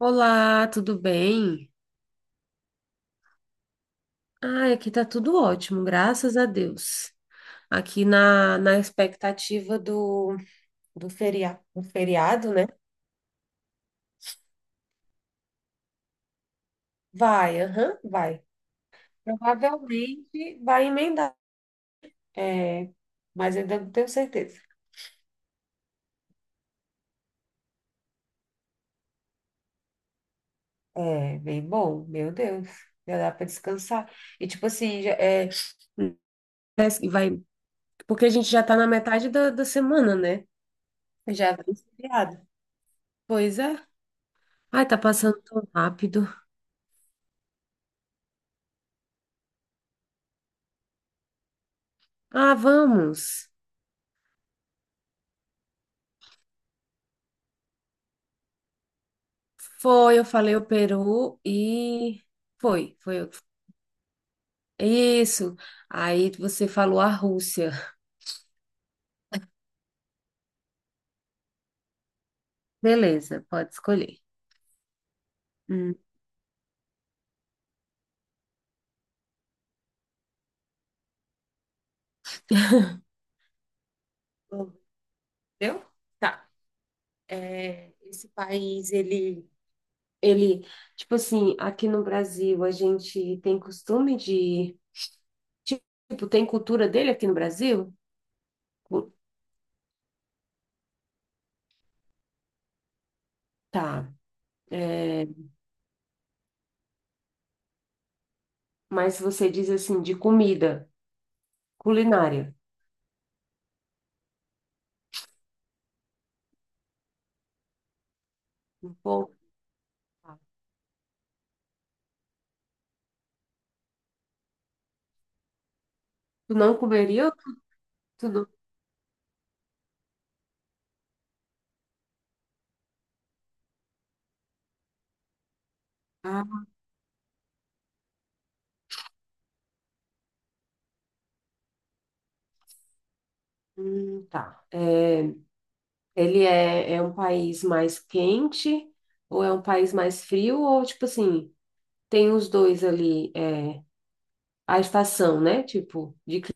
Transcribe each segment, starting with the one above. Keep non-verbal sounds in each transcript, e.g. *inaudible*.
Olá, tudo bem? Ah, aqui tá tudo ótimo, graças a Deus. Aqui na expectativa do do feriado, né? Vai, aham, vai. Provavelmente vai emendar. É, mas ainda não tenho certeza. É, bem bom, meu Deus. Já dá para descansar. E tipo assim, parece que vai, porque a gente já tá na metade da semana, né? Já vem feriado. Pois é. Ai, tá passando tão rápido. Ah, vamos. Foi, eu falei o Peru e foi. Isso. Aí você falou a Rússia. Beleza, pode escolher. Hum. Entendeu? Tá. É, esse país, ele, tipo assim, aqui no Brasil a gente tem costume de, tipo, tem cultura dele aqui no Brasil? Cu- Tá. É, mas você diz assim, de comida, culinária. Bom, tu não comeria? Ah, tá. É, é um país mais quente ou é um país mais frio? Ou, tipo assim, tem os dois ali, é, a estação, né?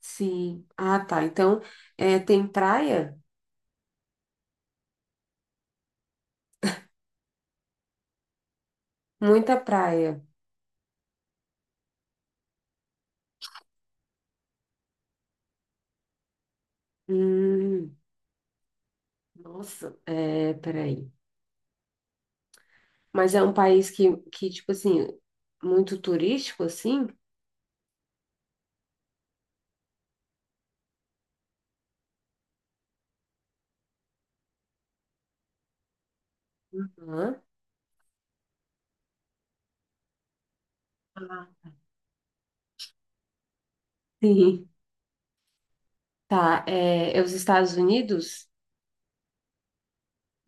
Sim. Ah, tá. Então, é, tem praia? Muita praia. Hum, nossa, é, peraí. Mas é um país que, tipo assim, muito turístico, assim? Hã? Ah, sim. Tá, é, é os Estados Unidos?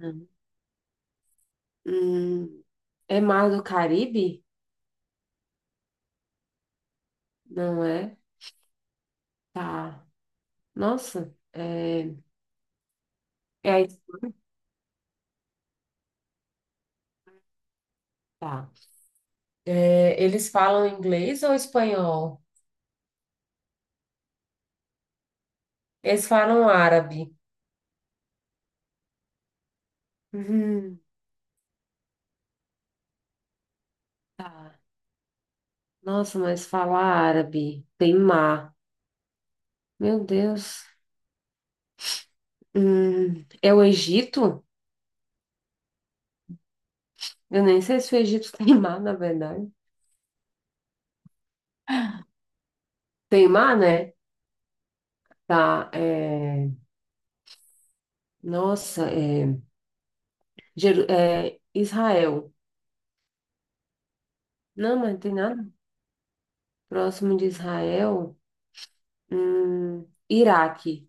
Hum. Hum, é Mar do Caribe? Não é? Tá. Nossa. É tá. É, eles falam inglês ou espanhol? Eles falam árabe. Uhum, tá. Nossa, mas fala árabe. Tem mar. Meu Deus. É o Egito? Eu nem sei se o Egito *laughs* tem mar, na verdade. Tem mar, né? Tá. Nossa, é... é Israel. Não, mas não tem nada próximo de Israel. Iraque.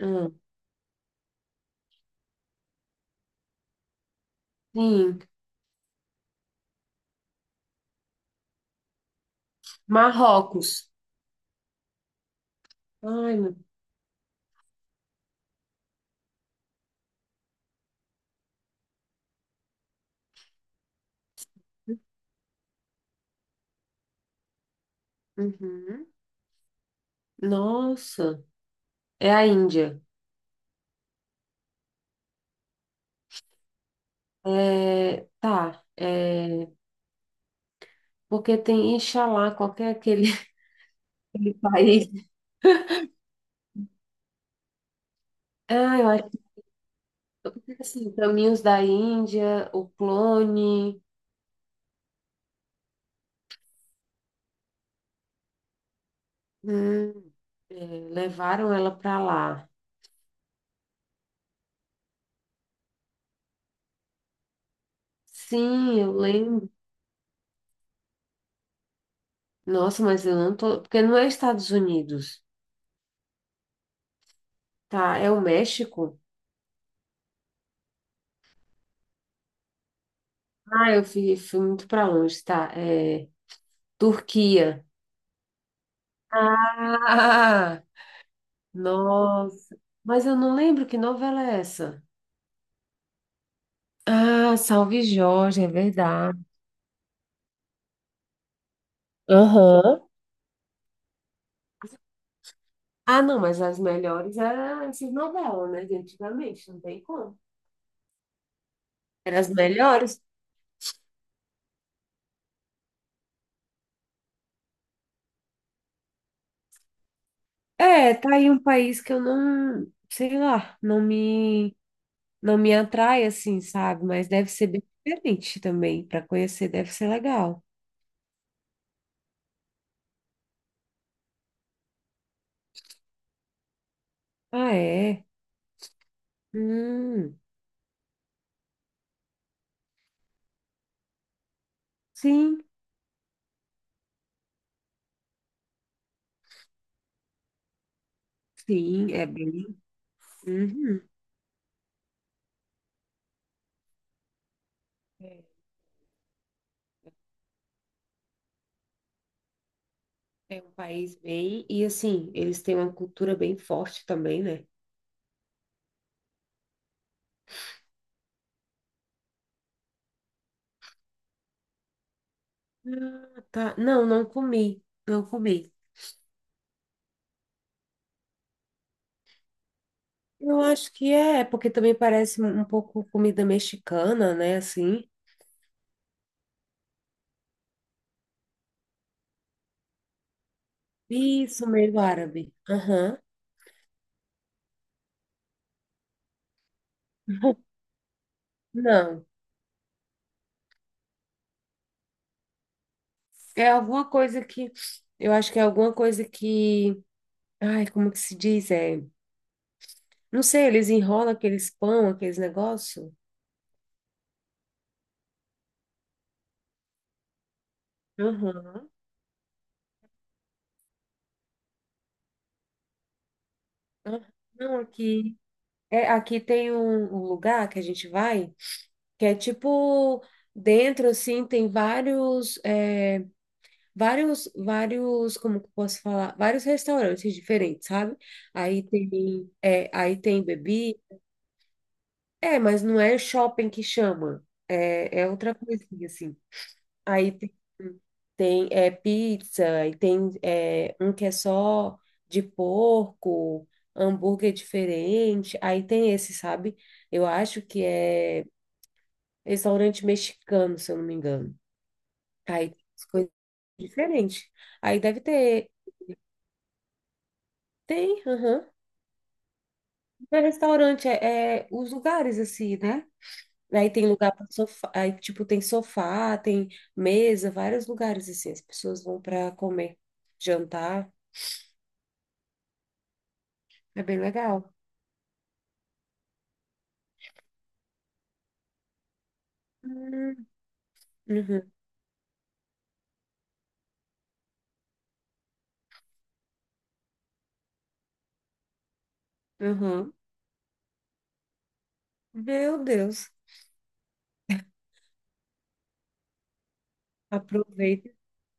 Hum, sim. Marrocos. Ai, meu... Uhum. Nossa. É a Índia. É, tá. É, porque tem Inxalá, qualquer aquele, *laughs* aquele país. Ah, eu acho que é assim, Caminhos da Índia, o clone, hum, é, levaram ela para lá. Sim, eu lembro. Nossa, mas eu não tô. Porque não é Estados Unidos, tá? É o México? Ah, fui muito para longe, tá? É, Turquia. Ah, nossa. Mas eu não lembro que novela é essa. Ah, Salve Jorge, é verdade. Aham. Ah, não, mas as melhores eram essas novelas, né? De antigamente, não tem como. Eram as melhores. É, tá aí um país que eu não, sei lá, não me, não me atrai assim, sabe? Mas deve ser bem diferente também. Para conhecer, deve ser legal. Ah, é? Hum. Sim, sim, é bem. Uhum. É, é um país bem. E assim, eles têm uma cultura bem forte também, né? Ah, tá. Não, não comi. Não comi. Eu acho que é, porque também parece um pouco comida mexicana, né? Assim. Isso, meio árabe. Aham. Não. É alguma coisa que. Eu acho que é alguma coisa que. Ai, como que se diz? É. Não sei, eles enrolam aqueles pão, aqueles negócios. Aham. Aham. Não, aqui. É, aqui tem um lugar que a gente vai, que é tipo dentro assim, tem vários, é, como que eu posso falar? Vários restaurantes diferentes, sabe? Aí tem, é, aí tem bebida. É, mas não é shopping que chama. É, é outra coisinha assim. Aí tem, é, pizza, e tem é, um que é só de porco, hambúrguer diferente. Aí tem esse, sabe? Eu acho que é restaurante mexicano, se eu não me engano. Aí tem as coisas diferentes. Aí deve ter. Tem, aham. Não é restaurante, é os lugares assim, né? Aí tem lugar para sofá, aí tipo tem sofá, tem mesa, vários lugares assim, as pessoas vão para comer, jantar, é bem legal. Hum, Uhum, uhum. Meu Deus. Aproveita,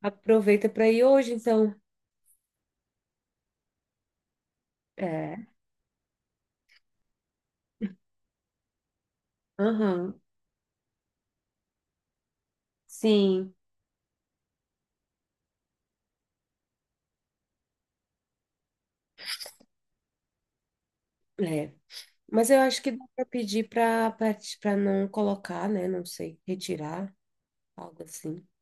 aproveita para ir hoje, então. É. Aham. Sim, é. Mas eu acho que dá para pedir para não colocar, né? Não sei, retirar, algo assim. *laughs*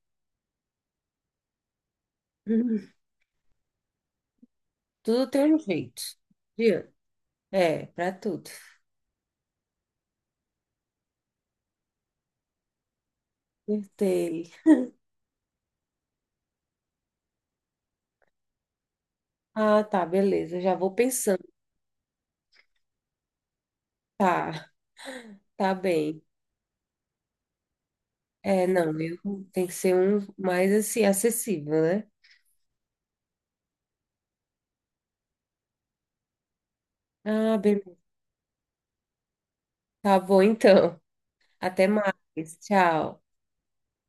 Uhum. Tudo tem um jeito. Viu? É, para tudo. Acertei. Ah, tá, beleza. Já vou pensando. Tá, tá bem. É, não, eu tem que ser um mais assim acessível, né? Ah, beleza. Tá bom então. Até mais. Tchau.